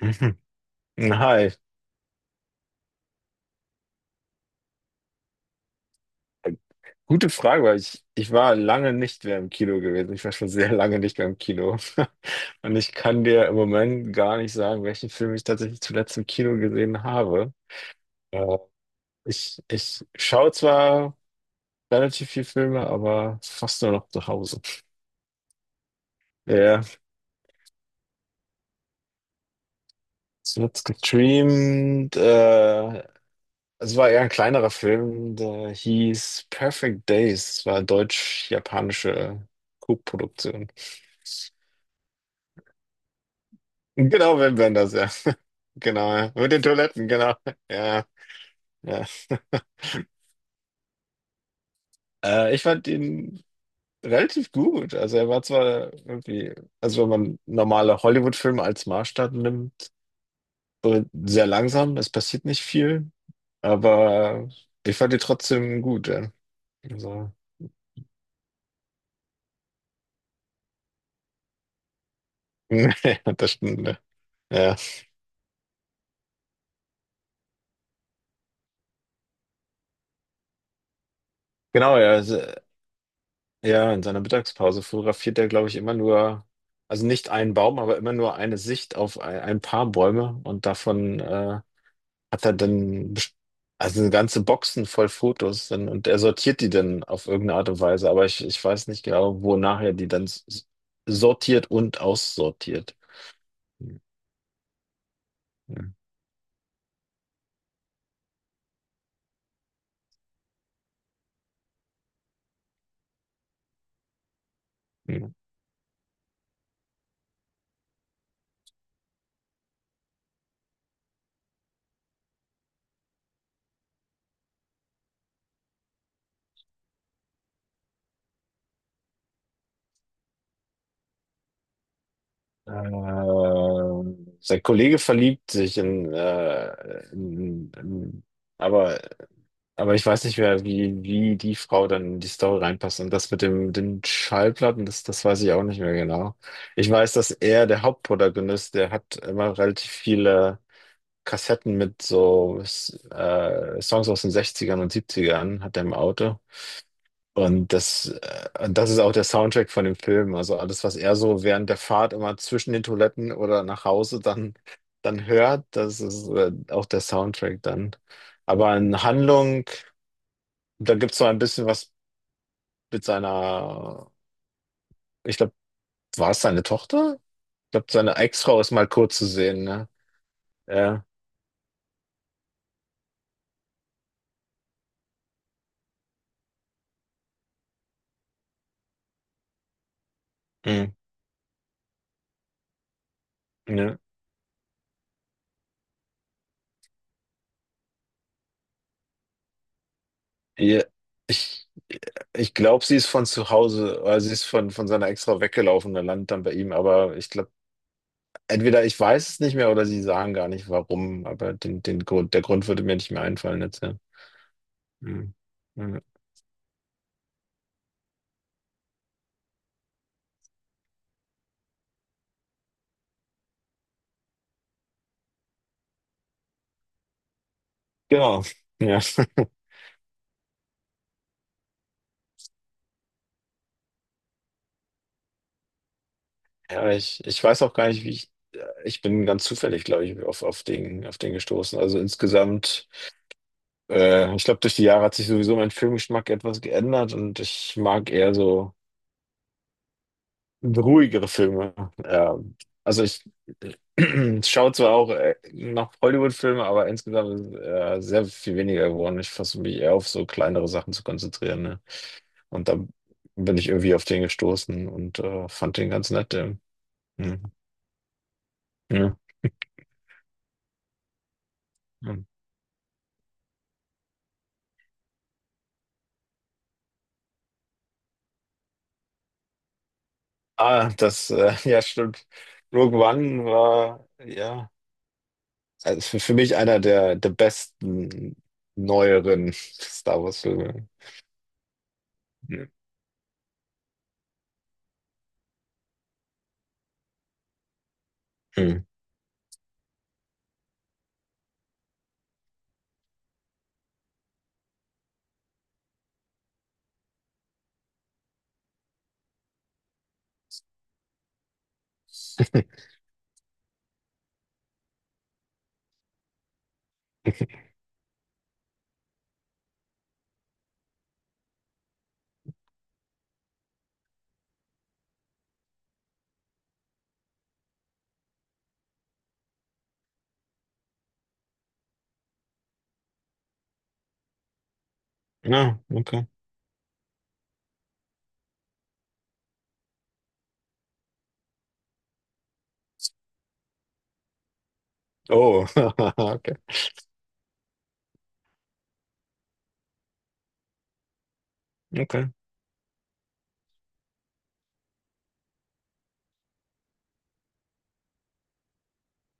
Mhm. Na, gute Frage, weil ich war lange nicht mehr im Kino gewesen. Ich war schon sehr lange nicht mehr im Kino. Und ich kann dir im Moment gar nicht sagen, welchen Film ich tatsächlich zuletzt im Kino gesehen habe. Äh, ich schaue zwar relativ viel Filme, aber fast nur noch zu Hause. Ja, zuletzt gestreamt. Es war eher ein kleinerer Film, der hieß Perfect Days. Es war eine deutsch-japanische Co-Produktion. Genau, Wim Wenders, ja. Genau, ja. Mit den Toiletten, genau. Ja, ja. Ich fand ihn relativ gut. Also er war zwar irgendwie, also wenn man normale Hollywood-Filme als Maßstab nimmt, so sehr langsam, es passiert nicht viel, aber ich fand ihn trotzdem gut, ja. Also, ja, das stimmt. Ja. Ja. Genau, ja. Also, ja, in seiner Mittagspause fotografiert er, glaube ich, immer nur, also nicht einen Baum, aber immer nur eine Sicht auf ein paar Bäume und davon hat er dann best- also eine ganze Boxen voll Fotos dann, und er sortiert die dann auf irgendeine Art und Weise, aber ich weiß nicht genau, wonach er die dann sortiert und aussortiert. Hm, hm, hm. Sein Kollege verliebt sich in, in aber. Aber ich weiß nicht mehr, wie die Frau dann in die Story reinpasst. Und das mit dem, den Schallplatten, das weiß ich auch nicht mehr genau. Ich weiß, dass er, der Hauptprotagonist, der hat immer relativ viele Kassetten mit so Songs aus den Sechzigern und Siebzigern hat er im Auto. Und das ist auch der Soundtrack von dem Film. Also alles, was er so während der Fahrt immer zwischen den Toiletten oder nach Hause dann hört, das ist auch der Soundtrack dann. Aber in Handlung. Da gibt es noch ein bisschen was mit seiner, ich glaube, war es seine Tochter? Ich glaube, seine Ex-Frau ist mal kurz zu sehen, ne? Ja. Hm. Ne? Ja. Ich, ich glaube, sie ist von zu Hause, oder sie ist von seiner Ex-Frau weggelaufen und landet dann bei ihm, aber ich glaube, entweder ich weiß es nicht mehr oder sie sagen gar nicht warum, aber den Grund, der Grund würde mir nicht mehr einfallen jetzt, ja. Hm. Ja. Genau. Ja. Ja, ich weiß auch gar nicht, wie ich. Ich bin ganz zufällig, glaube ich, auf den gestoßen. Also insgesamt, ich glaube, durch die Jahre hat sich sowieso mein Filmgeschmack etwas geändert und ich mag eher so ruhigere Filme. Ähm, also ich schaue zwar auch noch Hollywood-Filme, aber insgesamt ist sehr viel weniger geworden. Ich versuche mich eher auf so kleinere Sachen zu konzentrieren, ne? Und da bin ich irgendwie auf den gestoßen und fand den ganz nett. Den. Hm. Ja. Hm. Ah, ja, stimmt. Rogue One war, ja, also für mich einer der besten neueren Star Wars-Filme. Hm. Ja, okay. Oh, okay. Okay.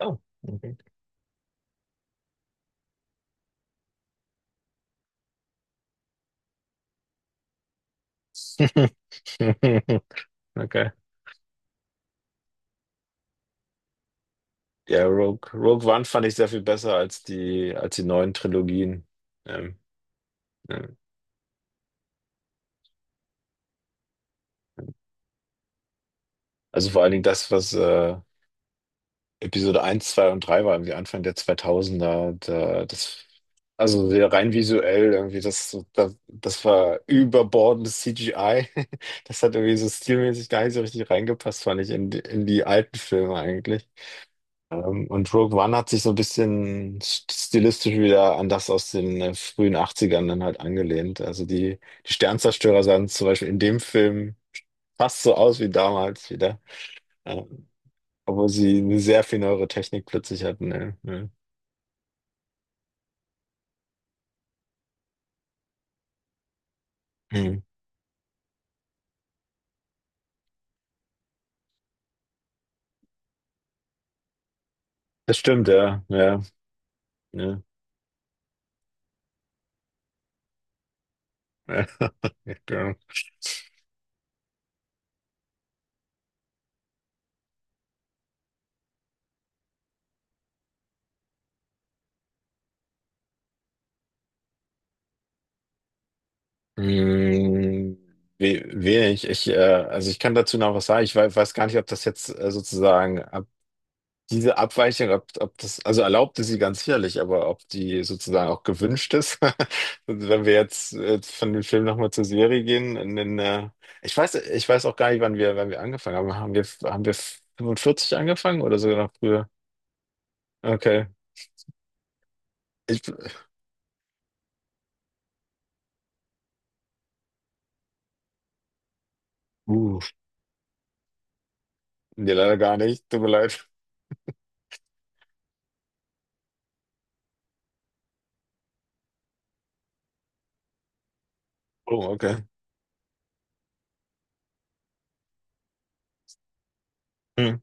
Oh, okay. Okay. Ja, Rogue One fand ich sehr viel besser als die neuen Trilogien. Ähm, ja. Also vor allen Dingen Episode eins, 2 und 3 war irgendwie Anfang der zweitausender. Da, also sehr rein visuell irgendwie, das war überbordendes CGI. Das hat irgendwie so stilmäßig gar nicht so richtig reingepasst, fand ich, in die alten Filme eigentlich. Und Rogue One hat sich so ein bisschen stilistisch wieder an das aus den frühen Achtzigern dann halt angelehnt. Also die Sternzerstörer sahen zum Beispiel in dem Film fast so aus wie damals wieder. Ähm, Obwohl sie eine sehr viel neuere Technik plötzlich hatten, ne? Ja. Hm. Das stimmt, ja. Ja, ja. Ja, ja, genau. Hm, wenig. Also ich kann dazu noch was sagen. Ich weiß gar nicht, ob das jetzt sozusagen, ob diese Abweichung, ob das, also erlaubt ist sie ganz sicherlich, aber ob die sozusagen auch gewünscht ist. Und wenn wir jetzt von dem Film nochmal zur Serie gehen, ich weiß auch gar nicht, wann wir angefangen haben. Haben wir 45 angefangen oder sogar noch früher? Okay. Ich, uh, Nee, leider gar nicht. Tut mir leid. Oh, okay. Hm.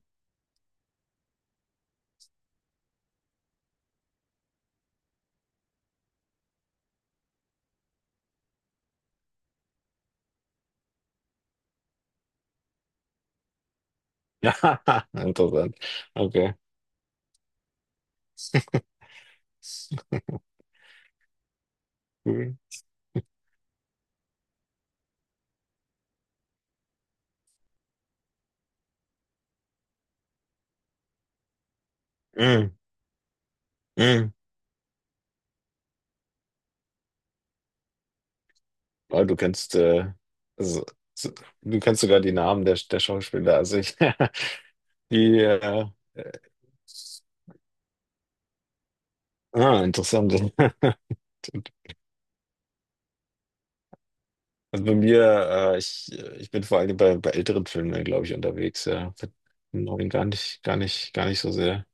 Ja, interessant. Okay. Cool. Hm, hm. Oh, so, so, du kennst sogar die Namen der Schauspieler. Die, äh, äh, Interessant. Also bei mir, äh, ich, ich bin vor allem bei älteren Filmen, glaube ich, unterwegs. Ja. Bei neuen gar nicht, gar nicht, gar nicht so sehr.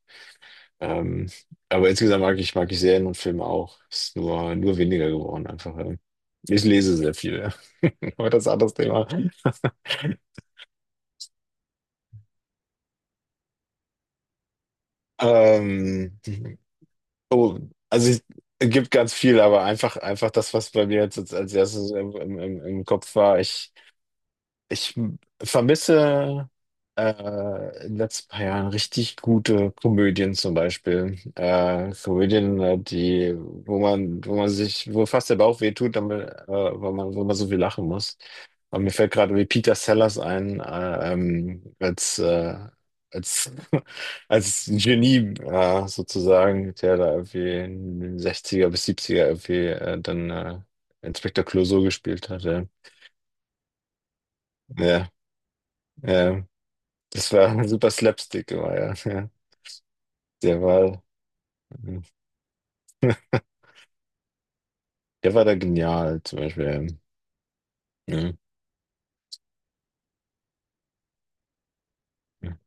Ähm, aber insgesamt mag ich Serien und Filme auch. Ist nur weniger geworden einfach. Ich lese sehr viel. Aber das ist ein anderes Thema. Ähm, oh, also ich, es gibt ganz viel, aber einfach das, was bei mir jetzt als erstes im Kopf war. Ich vermisse in den letzten paar Jahren richtig gute Komödien zum Beispiel. Komödien, die, wo man sich, wo fast der Bauch weh tut, damit, weil man, wo man so viel lachen muss. Und mir fällt gerade wie Peter Sellers ein, als, als Genie sozusagen, der da irgendwie in den sechziger bis siebziger irgendwie dann Inspektor Clouseau gespielt hatte. Ja, ja. Ja. Das war super Slapstick immer, ja. Ja. Der war, Der war da genial, zum Beispiel. Ja. Ja.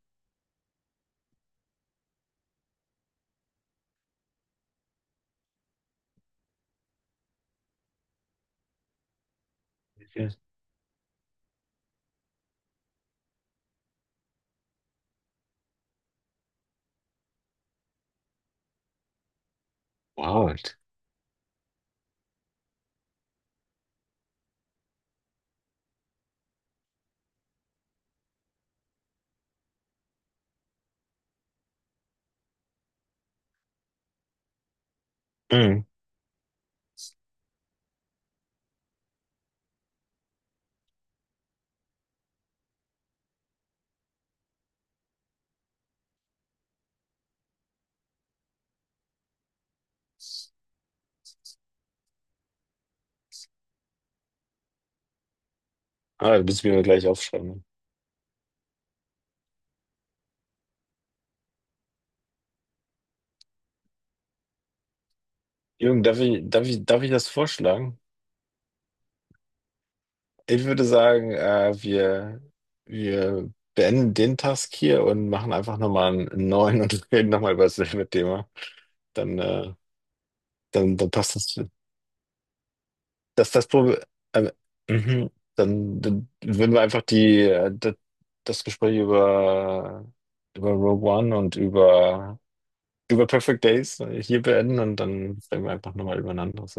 Ja. Wow. Mhm. Ah, du bist mir gleich aufschreiben. Jürgen, darf ich das vorschlagen? Ich würde sagen, wir, beenden den Task hier und machen einfach nochmal einen neuen und reden nochmal über dasselbe Thema. Dann, dann passt das. Das ist das Problem. Ähm, mhm. Dann würden wir einfach das Gespräch über Rogue One und über Perfect Days hier beenden und dann reden wir einfach nochmal über ein anderes.